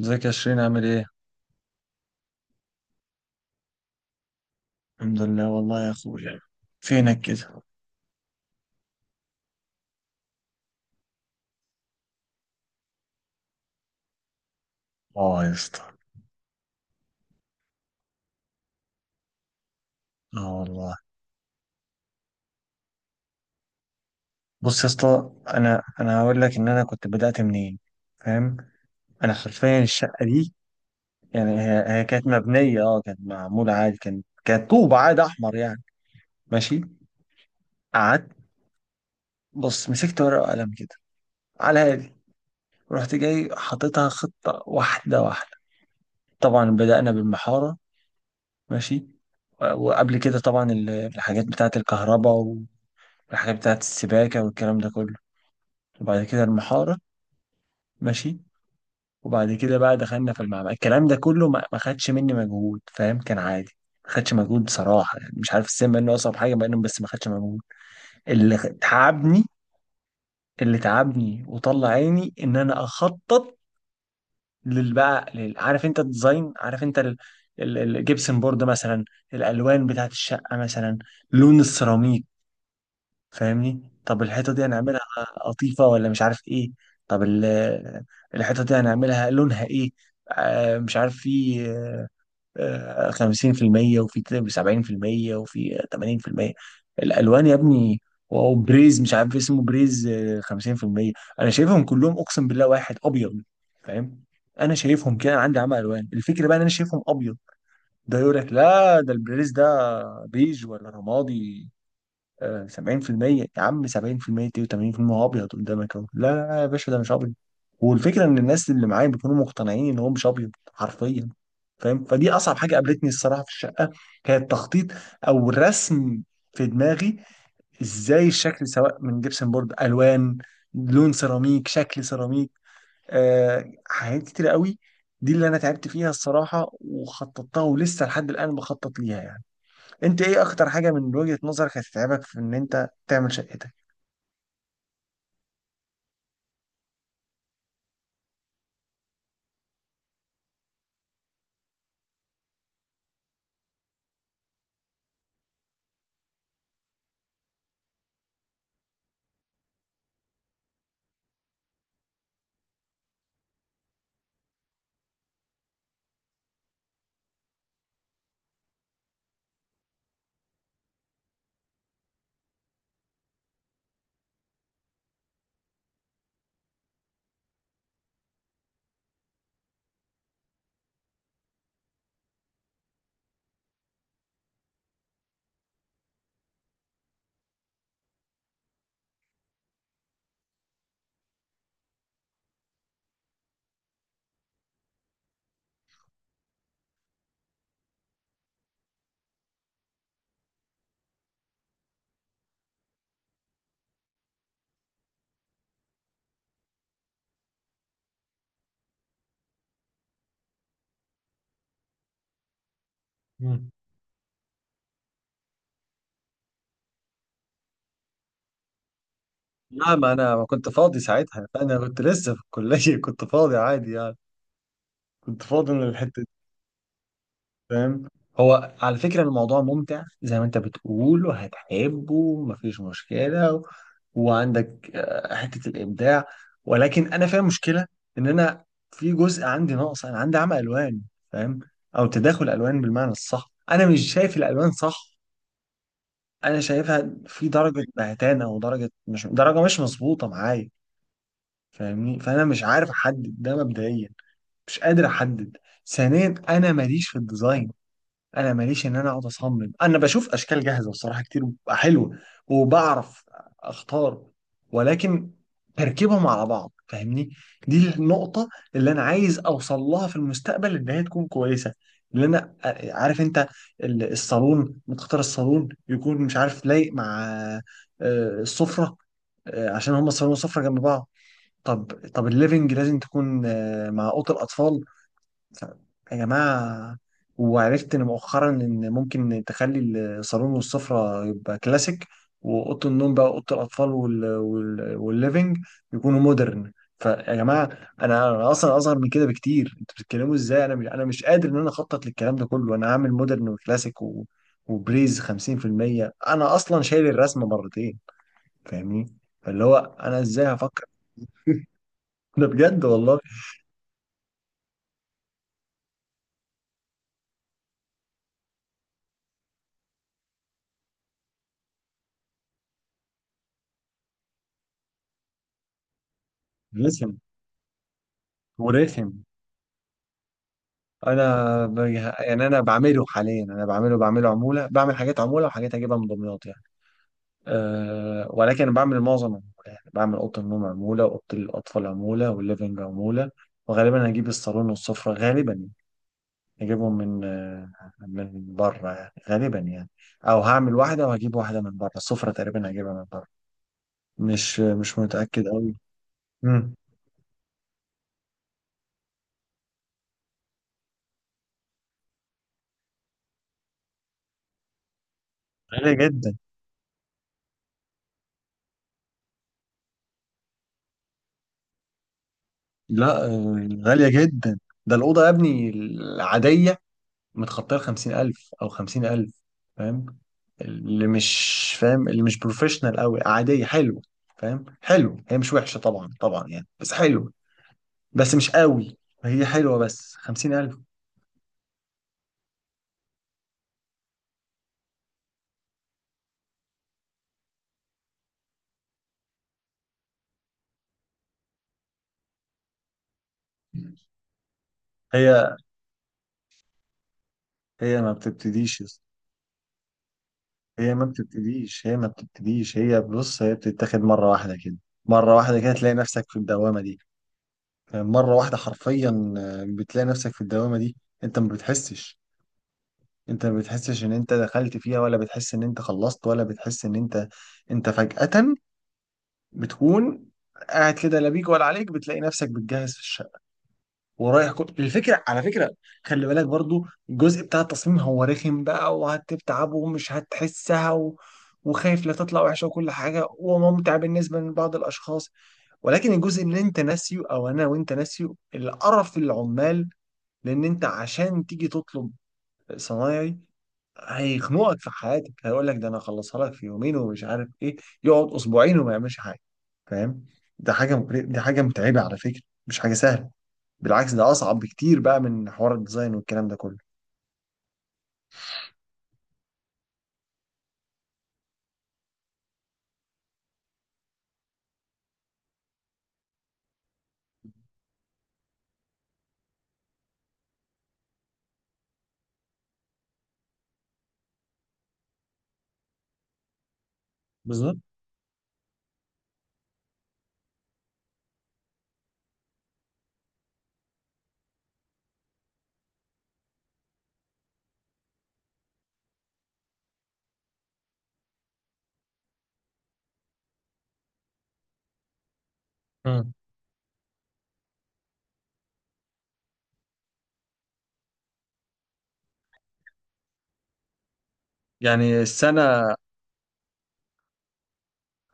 ازيك يا شيرين، عامل ايه؟ الحمد لله والله يا اخويا. فينك كده؟ اه يا اسطى. اه والله. بص يا اسطى، انا هقول لك ان انا كنت بدأت منين. فاهم؟ انا حرفيا الشقة دي، يعني هي كانت مبنية، كانت معمولة عادي، كانت طوب عادي احمر يعني. ماشي. قعدت. بص، مسكت ورقة وقلم كده على هادي. رحت جاي حاططها خطة واحدة واحدة. طبعا بدأنا بالمحارة. ماشي. وقبل كده طبعا الحاجات بتاعت الكهرباء، الحاجات بتاعت السباكة والكلام ده كله. وبعد كده المحارة. ماشي. وبعد كده بقى دخلنا في المعمل. الكلام ده كله ما خدش مني مجهود، فاهم؟ كان عادي. ما خدش مجهود بصراحة، يعني مش عارف السن بقى انه أصعب حاجة بقى، بس ما خدش مجهود. تعبني اللي تعبني وطلع عيني إن أنا أخطط عارف أنت الديزاين، عارف أنت الجبسن بورد مثلا، الألوان بتاعت الشقة مثلا، لون السيراميك. فاهمني؟ طب الحتة دي هنعملها قطيفة ولا مش عارف ايه؟ طب الحتة دي هنعملها لونها ايه؟ مش عارف، في خمسين في المية، وفي 70%، وفي 80%. الألوان يا ابني. واو، بريز مش عارف اسمه، بريز، خمسين في المية. أنا شايفهم كلهم أقسم بالله واحد أبيض. فاهم؟ أنا شايفهم كده. أنا عندي عمى ألوان. الفكرة بقى إن أنا شايفهم أبيض. ده يقول لك لا، ده البريز ده بيج ولا رمادي. 70% يا عم، 70% دي و80% هو ابيض قدامك اهو. لا لا لا يا باشا، ده مش ابيض. والفكره ان الناس اللي معايا بيكونوا مقتنعين ان هو مش ابيض حرفيا. فاهم؟ فدي اصعب حاجه قابلتني الصراحه في الشقه. هي التخطيط او الرسم في دماغي. ازاي الشكل، سواء من جبسن بورد، الوان، لون سيراميك، شكل سيراميك. حاجات كتير قوي. دي اللي انا تعبت فيها الصراحه، وخططتها ولسه لحد الان بخطط ليها يعني. انت ايه اخطر حاجه من وجهه نظرك هتتعبك في ان انت تعمل شقتك؟ مم. لا، ما انا ما كنت فاضي ساعتها. انا كنت لسه في الكليه كنت فاضي عادي يعني. كنت فاضي من الحته دي. فاهم؟ هو على فكره الموضوع ممتع زي ما انت بتقول وهتحبه، مفيش مشكله، و... وعندك حته الابداع. ولكن انا فاهم مشكله، ان انا في جزء عندي ناقص. انا عندي عمى الوان، فاهم؟ او تداخل الوان بالمعنى الصح. انا مش شايف الالوان صح. انا شايفها في درجه بهتانه، ودرجه مش مظبوطه معايا. فاهمني؟ فانا مش عارف احدد ده مبدئيا. مش قادر احدد. ثانيا، انا ماليش في الديزاين. انا ماليش ان انا اقعد اصمم. انا بشوف اشكال جاهزه بصراحه كتير بتبقى حلوه، وبعرف اختار، ولكن تركيبهم على بعض. فاهمني؟ دي النقطه اللي انا عايز اوصل لها في المستقبل، ان هي تكون كويسه. اللي انا عارف انت، الصالون، متختار الصالون يكون مش عارف لايق مع السفره. عشان هما الصالون والسفره جنب بعض. طب، الليفنج لازم تكون مع اوضه الاطفال. ف- يا جماعة! وعرفت إن مؤخرا إن ممكن تخلي الصالون والسفرة يبقى كلاسيك، وأوضة النوم بقى، أوضة الأطفال والليفينج يكونوا مودرن. فيا جماعة، أنا أصلا أصغر من كده بكتير. أنتوا بتتكلموا إزاي؟ أنا مش قادر إن أنا أخطط للكلام ده كله. أنا هعمل مودرن وكلاسيك و... وبريز 50%. أنا أصلا شايل الرسمة مرتين. فاهمني؟ فاللي هو أنا إزاي هفكر؟ ده بجد والله. رخم. ورخم. انا ب... يعني انا بعمله حاليا. انا بعمله عموله. بعمل حاجات عموله، وحاجات اجيبها من دمياط يعني. أه، ولكن بعمل معظم عمولة، يعني بعمل اوضه النوم عموله، واوضه الاطفال عموله، والليفنج عموله. وغالبا هجيب الصالون والسفره. غالبا هجيبهم من بره يعني، غالبا يعني. او هعمل واحده وهجيب واحده من بره. السفره تقريبا هجيبها من بره. مش متاكد قوي. امم غاليه جدا. لا، غاليه جدا. ده الاوضه يا ابني العاديه متخطيه ال 50000 او 50000. فاهم؟ اللي مش فاهم، اللي مش بروفيشنال قوي، عاديه حلوه. فاهم؟ حلو، هي مش وحشه طبعا، طبعا يعني، بس حلو، بس مش قوي. هي حلوه بس 50000. هي هي ما بتبتديش يا اسطى. هي ما بتبتديش. هي ما بتبتديش. هي، بص، هي بتتاخد مره واحده كده. مره واحده كده تلاقي نفسك في الدوامه دي. مرة واحدة حرفيا. بتلاقي نفسك في الدوامة دي. انت ما بتحسش. انت ما بتحسش ان انت دخلت فيها، ولا بتحس ان انت خلصت، ولا بتحس ان انت. انت فجأة بتكون قاعد كده لا بيك ولا عليك، بتلاقي نفسك بتجهز في الشقة، ورايح الفكرة على فكرة، خلي بالك برضو، الجزء بتاع التصميم هو رخم بقى، وهتتعب ومش هتحسها، و... وخايف لا تطلع وحشة وكل حاجة، وممتع بالنسبة لبعض الأشخاص. ولكن الجزء اللي انت ناسيه، أو أنا وانت ناسيه، القرف العمال. لأن انت عشان تيجي تطلب صنايعي، هيخنقك في حياتك. هيقول لك ده انا اخلصها لك في يومين ومش عارف ايه، يقعد اسبوعين وما يعملش حاجه. فاهم؟ دي حاجه متعبه على فكره، مش حاجه سهله. بالعكس ده اصعب بكتير بقى من حوار الديزاين والكلام ده كله. بالظبط. مم. يعني السنه،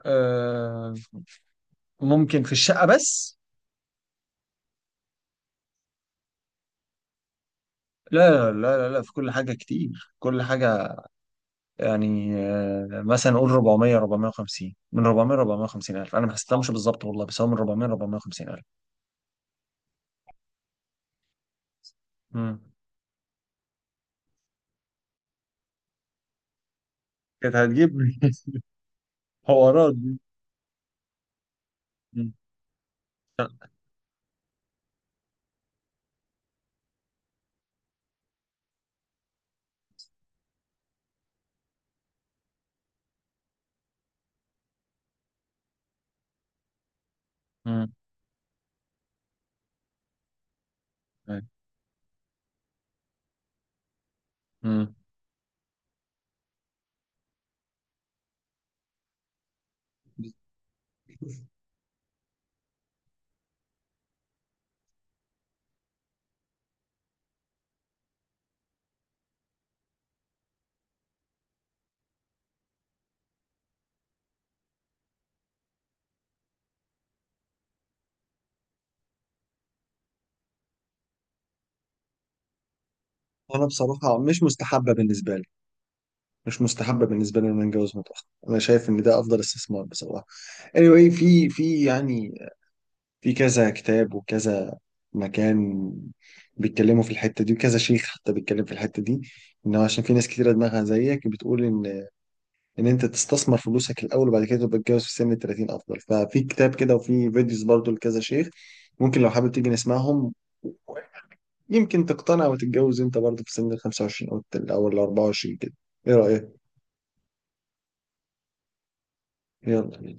آه ممكن في الشقه بس. لا لا لا لا، في كل حاجه، كتير كل حاجه. يعني مثلا نقول 400 450، من 400 450 الف. انا ما حسبتهمش بالظبط والله، بس هو من 400 450 الف. مم. كانت هتجيب حوارات دي. مم. لا. مم. أيوة. مم. انا بصراحه مش مستحبه بالنسبه لي. مش مستحبه بالنسبه لي ان انا اتجوز متاخر. انا شايف ان ده افضل استثمار بصراحه. Anyway، في يعني في كذا كتاب وكذا مكان بيتكلموا في الحته دي، وكذا شيخ حتى بيتكلم في الحته دي، ان هو عشان في ناس كتيره دماغها زيك بتقول ان انت تستثمر فلوسك الاول وبعد كده تبقى تتجوز في سن ال 30 افضل. ففي كتاب كده وفي فيديوز برضو لكذا شيخ. ممكن لو حابب تيجي نسمعهم، يمكن تقتنع وتتجوز انت برضه في سن ال 25 او او ال 24 كده. ايه رأيك؟ يلا.